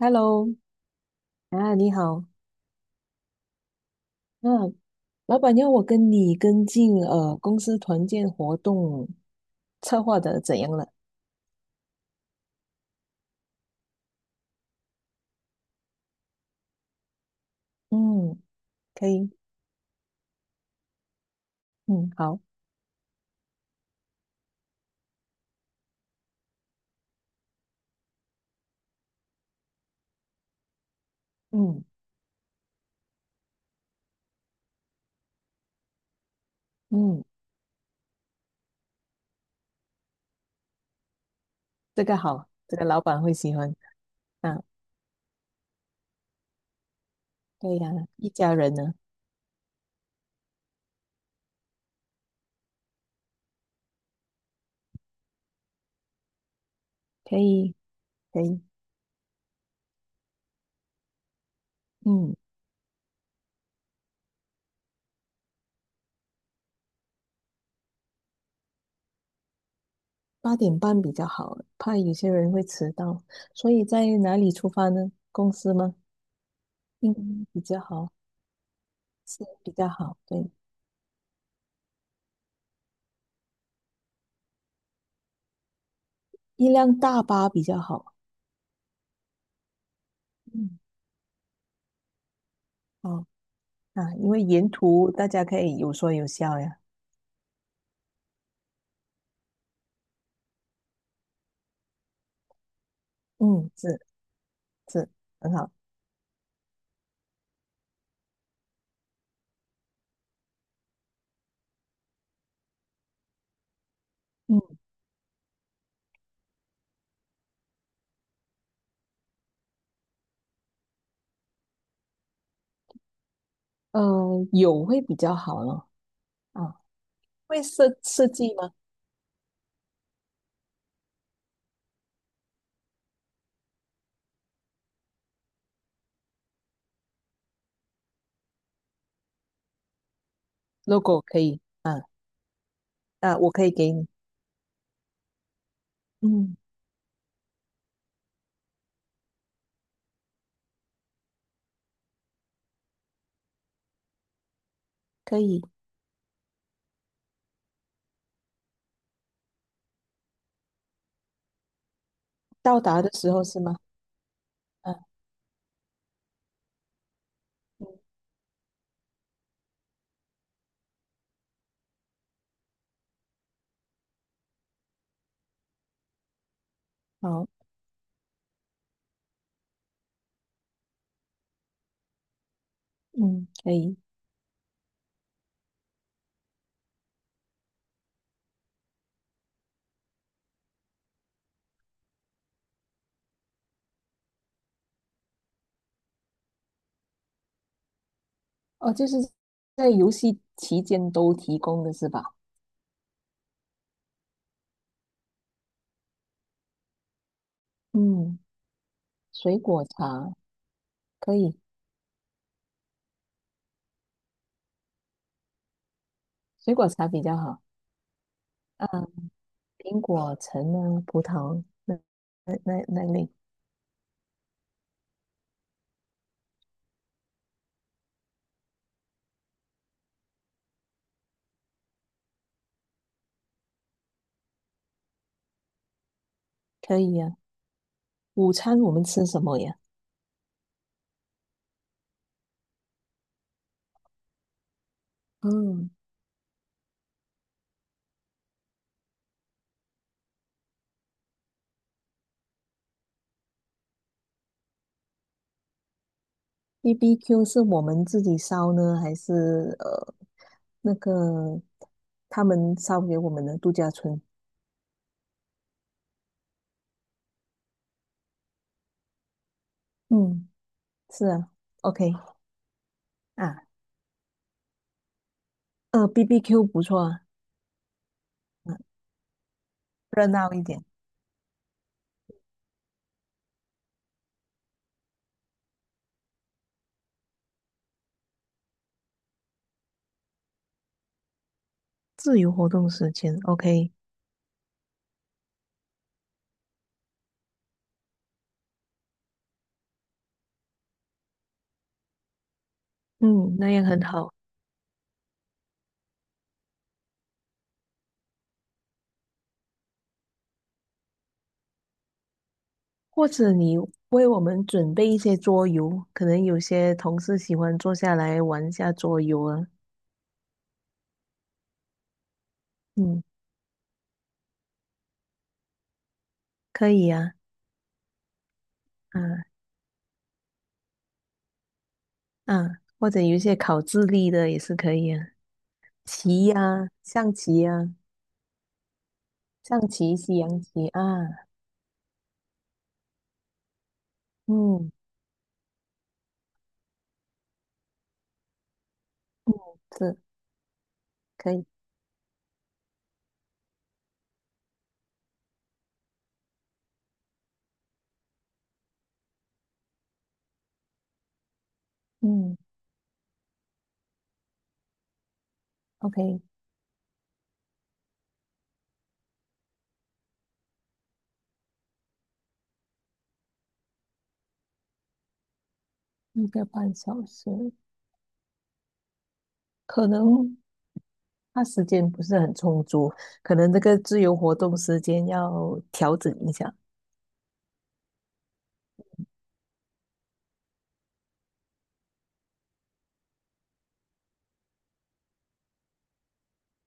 Hello，啊，你好，啊，老板要我跟你跟进公司团建活动策划的怎样了？嗯，可以，嗯，好，嗯嗯，这个好，这个老板会喜欢啊，对呀，一家人呢，可以可以，嗯，8:30比较好，怕有些人会迟到，所以在哪里出发呢？公司吗？嗯，比较好，是比较好，对，一辆大巴比较好，嗯，好，啊，因为沿途大家可以有说有笑呀。嗯，是是，很好。嗯，有会比较好咯。啊，会设计吗？logo 可以。啊啊，我可以给你。嗯，可以。到达的时候是吗？啊，嗯，好，嗯，可以。哦，就是在游戏期间都提供的是吧？嗯，水果茶可以，水果茶比较好。啊，苹果、橙啊、葡萄那类可以啊。午餐我们吃什么呀？嗯，BBQ 是我们自己烧呢，还是呃那个他们烧给我们的度假村？嗯，是啊，OK 啊，BBQ 不错啊，嗯，热闹一点，自由活动时间，OK，嗯，那样很好。或者你为我们准备一些桌游，可能有些同事喜欢坐下来玩一下桌游啊，嗯，可以啊，啊，嗯，或者有一些考智力的也是可以啊，棋呀、象棋呀、象棋、西洋棋啊，嗯嗯，是可以，嗯，OK，一个半小时，可能他时间不是很充足，可能这个自由活动时间要调整一下。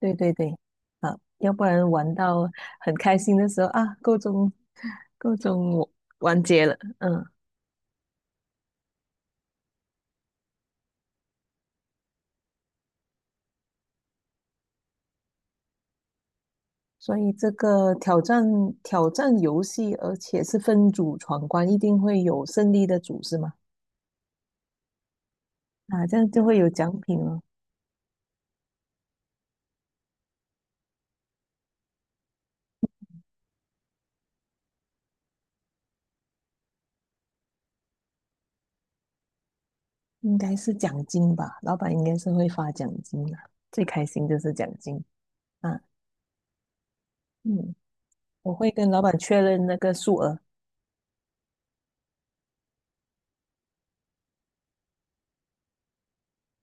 对对对，啊，要不然玩到很开心的时候啊，够钟我完结了，嗯。所以这个挑战游戏，而且是分组闯关，一定会有胜利的组是吗？啊，这样就会有奖品了，应该是奖金吧？老板应该是会发奖金的，最开心就是奖金啊。嗯，我会跟老板确认那个数额，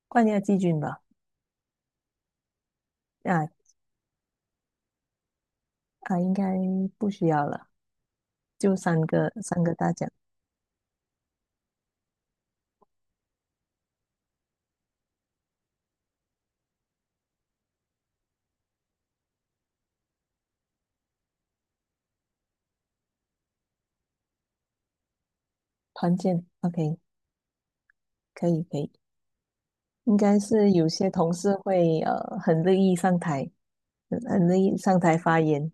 冠亚季军吧？啊啊，应该不需要了，就三个大奖，团建，OK，可以可以。应该是有些同事会很乐意上台，很乐意上台发言，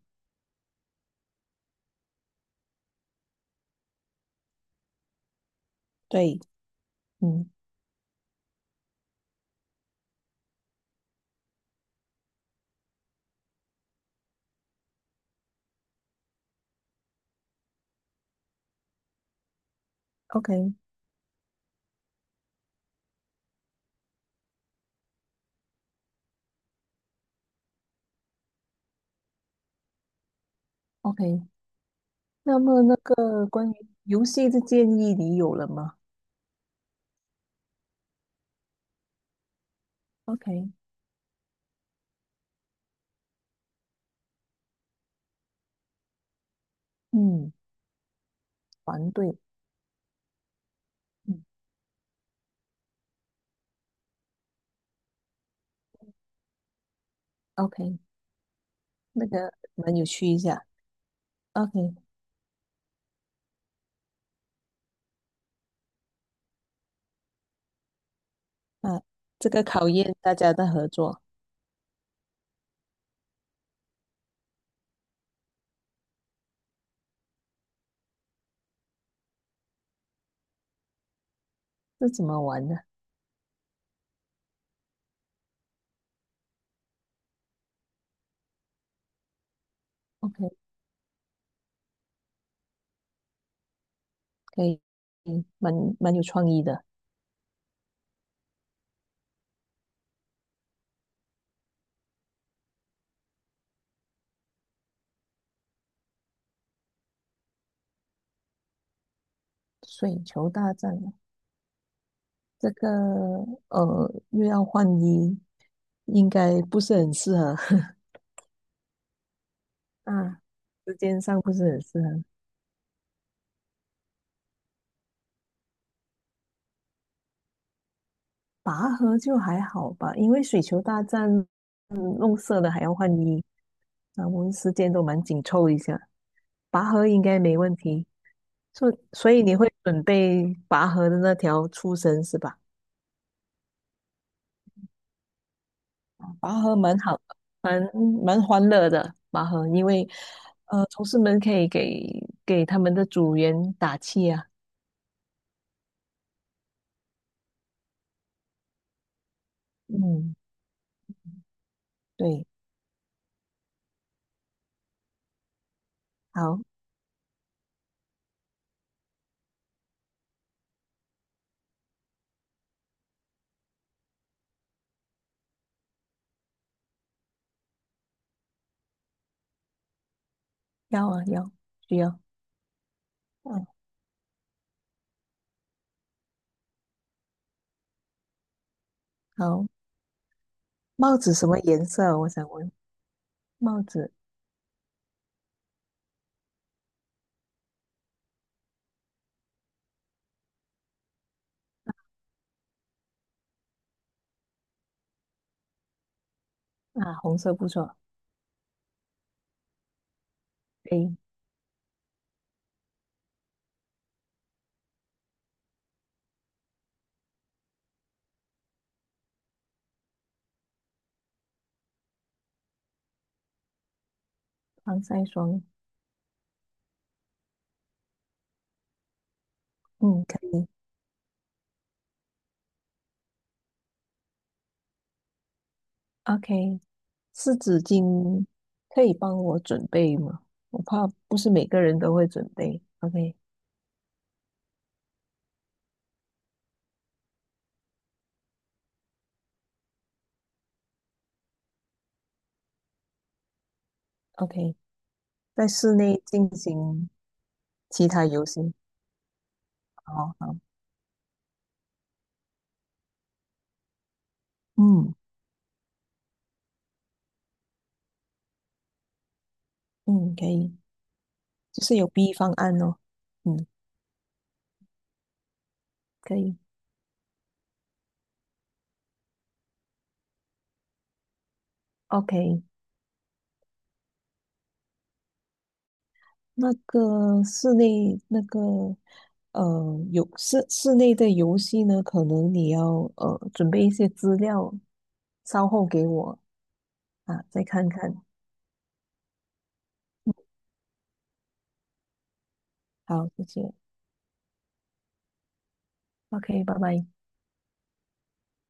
对，嗯，OK OK。那么那个关于游戏的建议你有了吗？OK，嗯，团队，嗯，OK，那个蛮有趣一下。OK，啊，这个考验大家的合作，这怎么玩呢？OK，可以，嗯，蛮有创意的。水球大战，这个又要换衣，应该不是很适合。啊，时间上不是很适合。拔河就还好吧，因为水球大战，嗯，弄色的还要换衣，啊，我们时间都蛮紧凑一下。拔河应该没问题，所以你会准备拔河的那条粗绳是吧？拔河蛮好的蛮蛮欢乐的拔河，因为同事们可以给他们的组员打气啊。嗯，对，好，要啊要，需要。嗯，好，帽子什么颜色啊？我想问，帽子。啊，红色不错，可以防晒霜，嗯，可以，OK，湿纸巾可以帮我准备吗？我怕不是每个人都会准备，OK，OK，在室内进行其他游戏，好好，嗯嗯，可以，就是有 B 方案哦，嗯，可以，OK，那个室内那个有室内的游戏呢，可能你要准备一些资料，稍后给我。啊，再看看。好，谢谢。OK，拜拜。